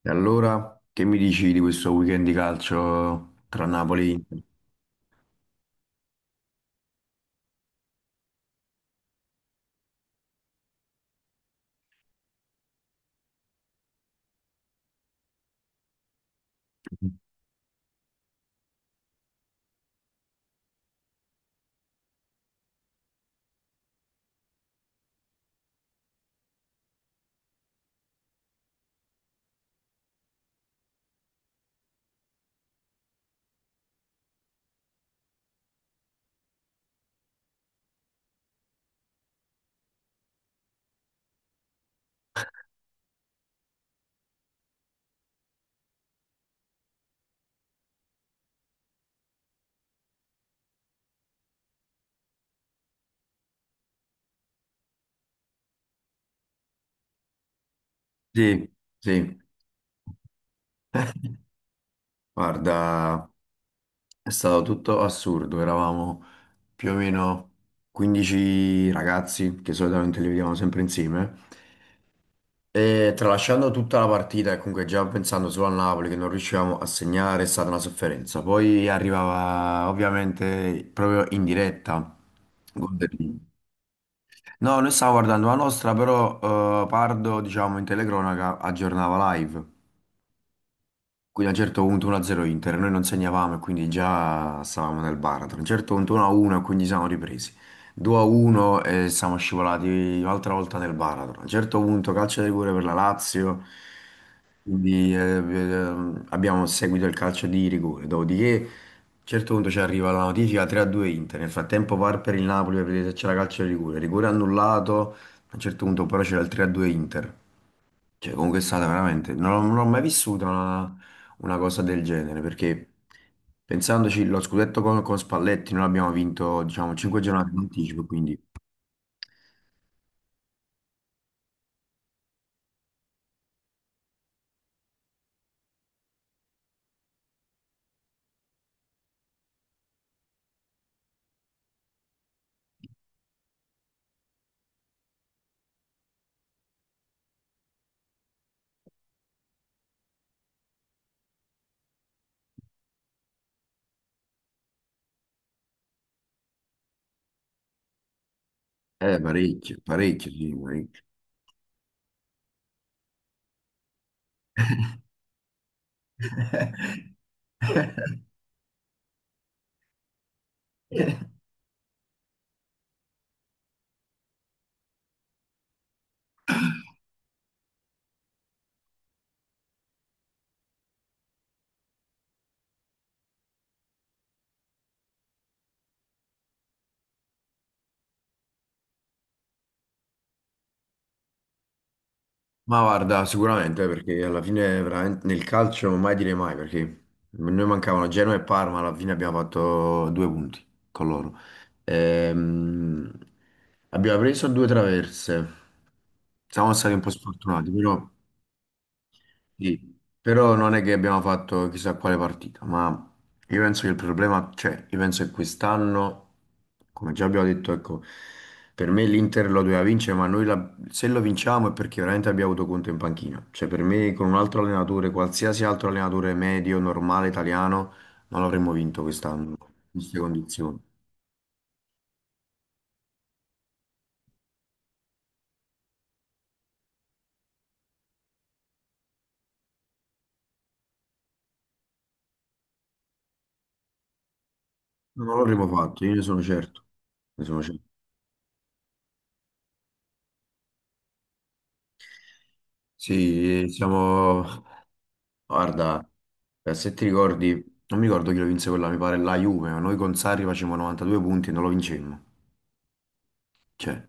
E allora, che mi dici di questo weekend di calcio tra Napoli e Inter? Sì, sì. Guarda, è stato tutto assurdo. Eravamo più o meno 15 ragazzi, che solitamente li vediamo sempre insieme. E tralasciando tutta la partita e comunque già pensando solo al Napoli che non riuscivamo a segnare, è stata una sofferenza. Poi arrivava ovviamente proprio in diretta. gol del- No, noi stavamo guardando la nostra, però Pardo, diciamo, in telecronaca aggiornava live. Quindi a un certo punto 1-0 Inter, noi non segnavamo e quindi già stavamo nel baratro. A un certo punto 1-1 e quindi siamo ripresi. 2-1 e siamo scivolati un'altra volta nel baratro. A un certo punto calcio di rigore per la Lazio, quindi abbiamo seguito il calcio di rigore. Dopodiché a un certo punto ci arriva la notifica 3-2 Inter. Nel frattempo VAR per il Napoli per vedere se c'era calcio di rigore. Rigore annullato, a un certo punto però c'era il 3-2 Inter. Cioè, comunque è stata veramente. Non ho mai vissuto una cosa del genere perché pensandoci, lo scudetto con Spalletti noi l'abbiamo vinto, diciamo, 5 giornate in anticipo, quindi parecchio, parecchio, sì, parecchio. Ma guarda, sicuramente perché alla fine veramente nel calcio non mai dire mai perché noi mancavano Genoa e Parma, alla fine abbiamo fatto due punti con loro. Ehm, abbiamo preso due traverse. Siamo stati un po' sfortunati, però sì, però non è che abbiamo fatto chissà quale partita, ma io penso che il problema, cioè, io penso che quest'anno, come già abbiamo detto, ecco, per me l'Inter lo doveva vincere, ma se lo vinciamo è perché veramente abbiamo avuto conto in panchina. Cioè, per me con un altro allenatore, qualsiasi altro allenatore medio, normale, italiano, non l'avremmo vinto quest'anno, in queste condizioni. Non l'avremmo fatto, io ne sono certo. Ne sono certo. Sì, siamo guarda, se ti ricordi, non mi ricordo chi lo vinse quella, mi pare la Juve, ma noi con Sarri facevamo 92 punti e non lo vincemmo. Cioè,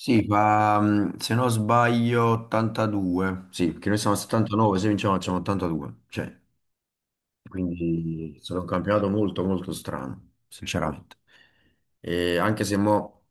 sì, fa, mm, se non sbaglio, 82. Sì, che noi siamo a 79, se vinciamo facciamo 82. Cioè, quindi è stato un campionato molto molto strano, sinceramente. E anche se mo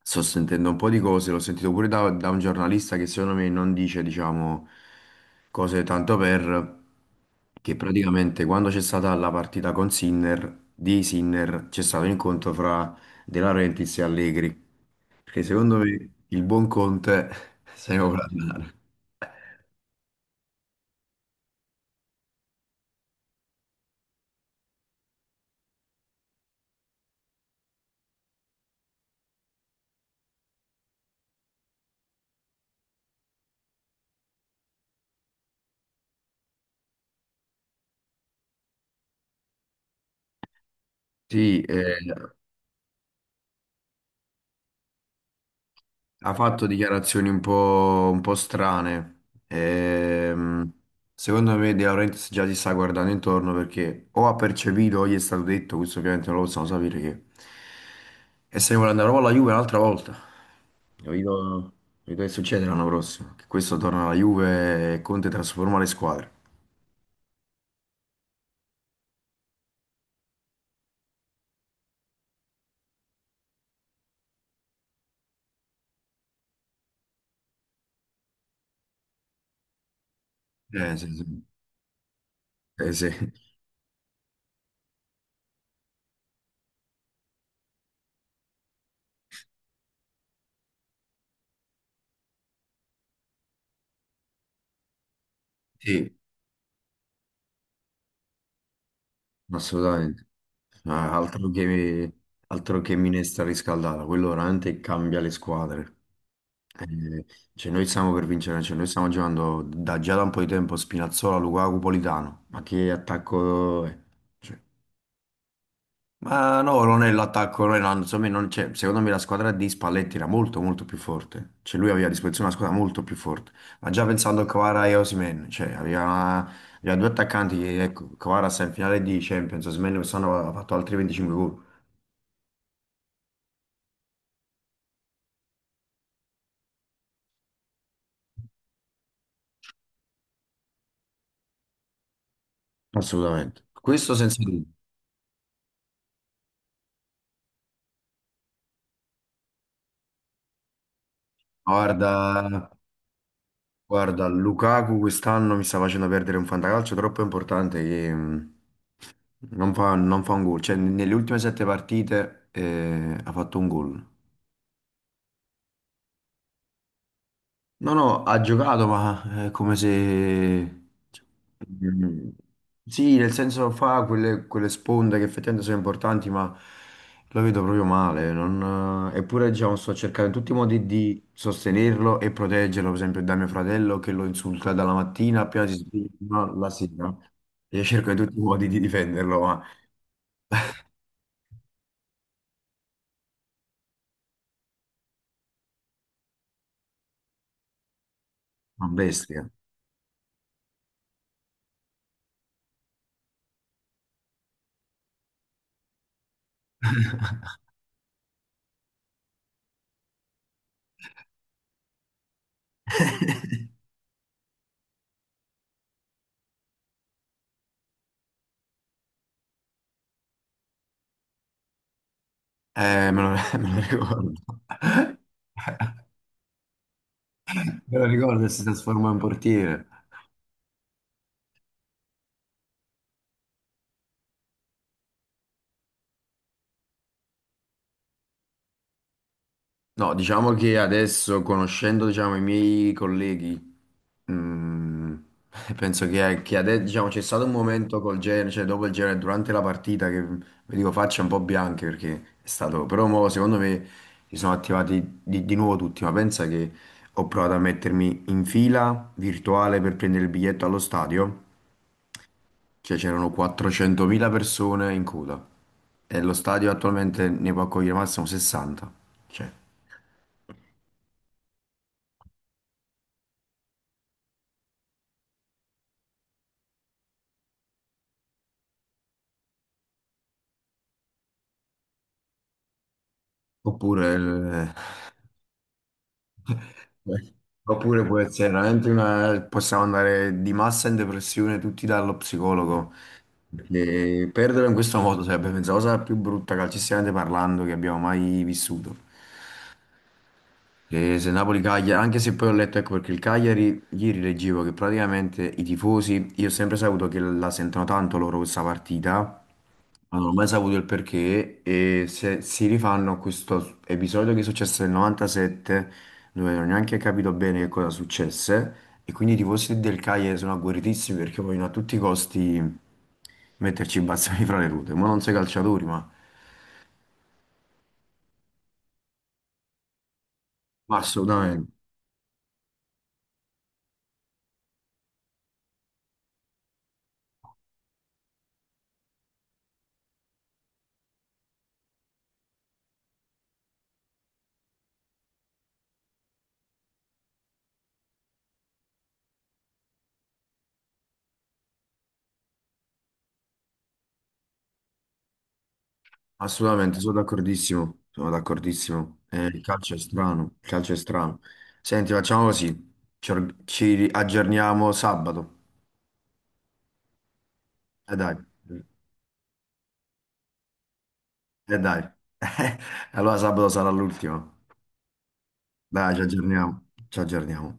sto sentendo un po' di cose, l'ho sentito pure da un giornalista che secondo me non dice, diciamo, cose tanto per, che praticamente quando c'è stata la partita con Sinner, di Sinner, c'è stato un incontro fra De Laurentiis e Allegri, perché secondo me il buon Conte se ne può andare. Sì, ha fatto dichiarazioni un po' strane. Secondo me De Laurentiis già si sta guardando intorno perché o ha percepito o gli è stato detto, questo ovviamente non lo possiamo sapere, che e se ne vuole andare proprio alla Juve un'altra volta. Capito? Capito che succede l'anno prossimo? Che questo torna alla Juve e Conte trasforma le squadre. Eh sì, sì. Sì. Sì. Assolutamente. Ah, altro che, altro che minestra riscaldata, quello veramente cambia le squadre. Eh, cioè noi stiamo per vincere, cioè noi stiamo giocando da già da un po' di tempo Spinazzola, Lukaku, Politano, ma che attacco è? Cioè, ma no, non è l'attacco, non è la- insomma, non c'è- secondo me la squadra di Spalletti era molto molto più forte, cioè lui aveva a disposizione una squadra molto più forte, ma già pensando a Kvara e Osimhen, cioè aveva, aveva due attaccanti, che, ecco, Kvara sta in finale di Champions, Osimhen quest'anno ha fatto altri 25 gol, assolutamente, questo senza dubbio, guarda, guarda, Lukaku quest'anno mi sta facendo perdere un fantacalcio troppo importante che non fa un gol, cioè nelle ultime sette partite ha fatto un gol. No, no, ha giocato, ma è come se... Mm, sì, nel senso fa quelle, quelle sponde che effettivamente sono importanti, ma lo vedo proprio male. Eppure, diciamo, sto cercando in tutti i modi di sostenerlo e proteggerlo, per esempio, da mio fratello che lo insulta dalla mattina appena si sveglia fino alla sera. Io cerco in tutti i modi di difenderlo, ma ma bestia. Me lo, me lo ricordo. Me lo ricordo e si trasforma in portiere. No, diciamo che adesso, conoscendo, diciamo, i miei colleghi, mm, penso che adesso, diciamo, c'è stato un momento col Genoa, cioè dopo il Genoa, e durante la partita, che vi dico facce un po' bianche perché è stato... Però mo, secondo me si sono attivati di nuovo tutti, ma pensa che ho provato a mettermi in fila virtuale per prendere il biglietto allo stadio, cioè c'erano 400.000 persone in coda. E lo stadio attualmente ne può accogliere massimo 60. Cioè, oppure il- beh, oppure può essere veramente una... possiamo andare di massa in depressione tutti dallo psicologo. Perché perderlo in questo modo sarebbe penso, la cosa più brutta calcisticamente parlando che abbiamo mai vissuto. E se Napoli-Cagliari, anche se poi ho letto, ecco perché il Cagliari, ieri leggevo che praticamente i tifosi, io ho sempre saputo che la sentono tanto loro questa partita, ma non ho mai saputo il perché e se si rifanno a questo episodio che è successo nel 97 dove non ho neanche capito bene che cosa successe e quindi i tifosi del Cagliari sono agguerritissimi perché vogliono a tutti i costi metterci i bazzoni fra le ruote, ma non sei calciatori, ma assolutamente, assolutamente, sono d'accordissimo, eh, il calcio è strano, il calcio è strano. Senti, facciamo così, ci aggiorniamo sabato, e dai. E dai, allora sabato sarà l'ultimo. Dai, ci aggiorniamo. Ci aggiorniamo.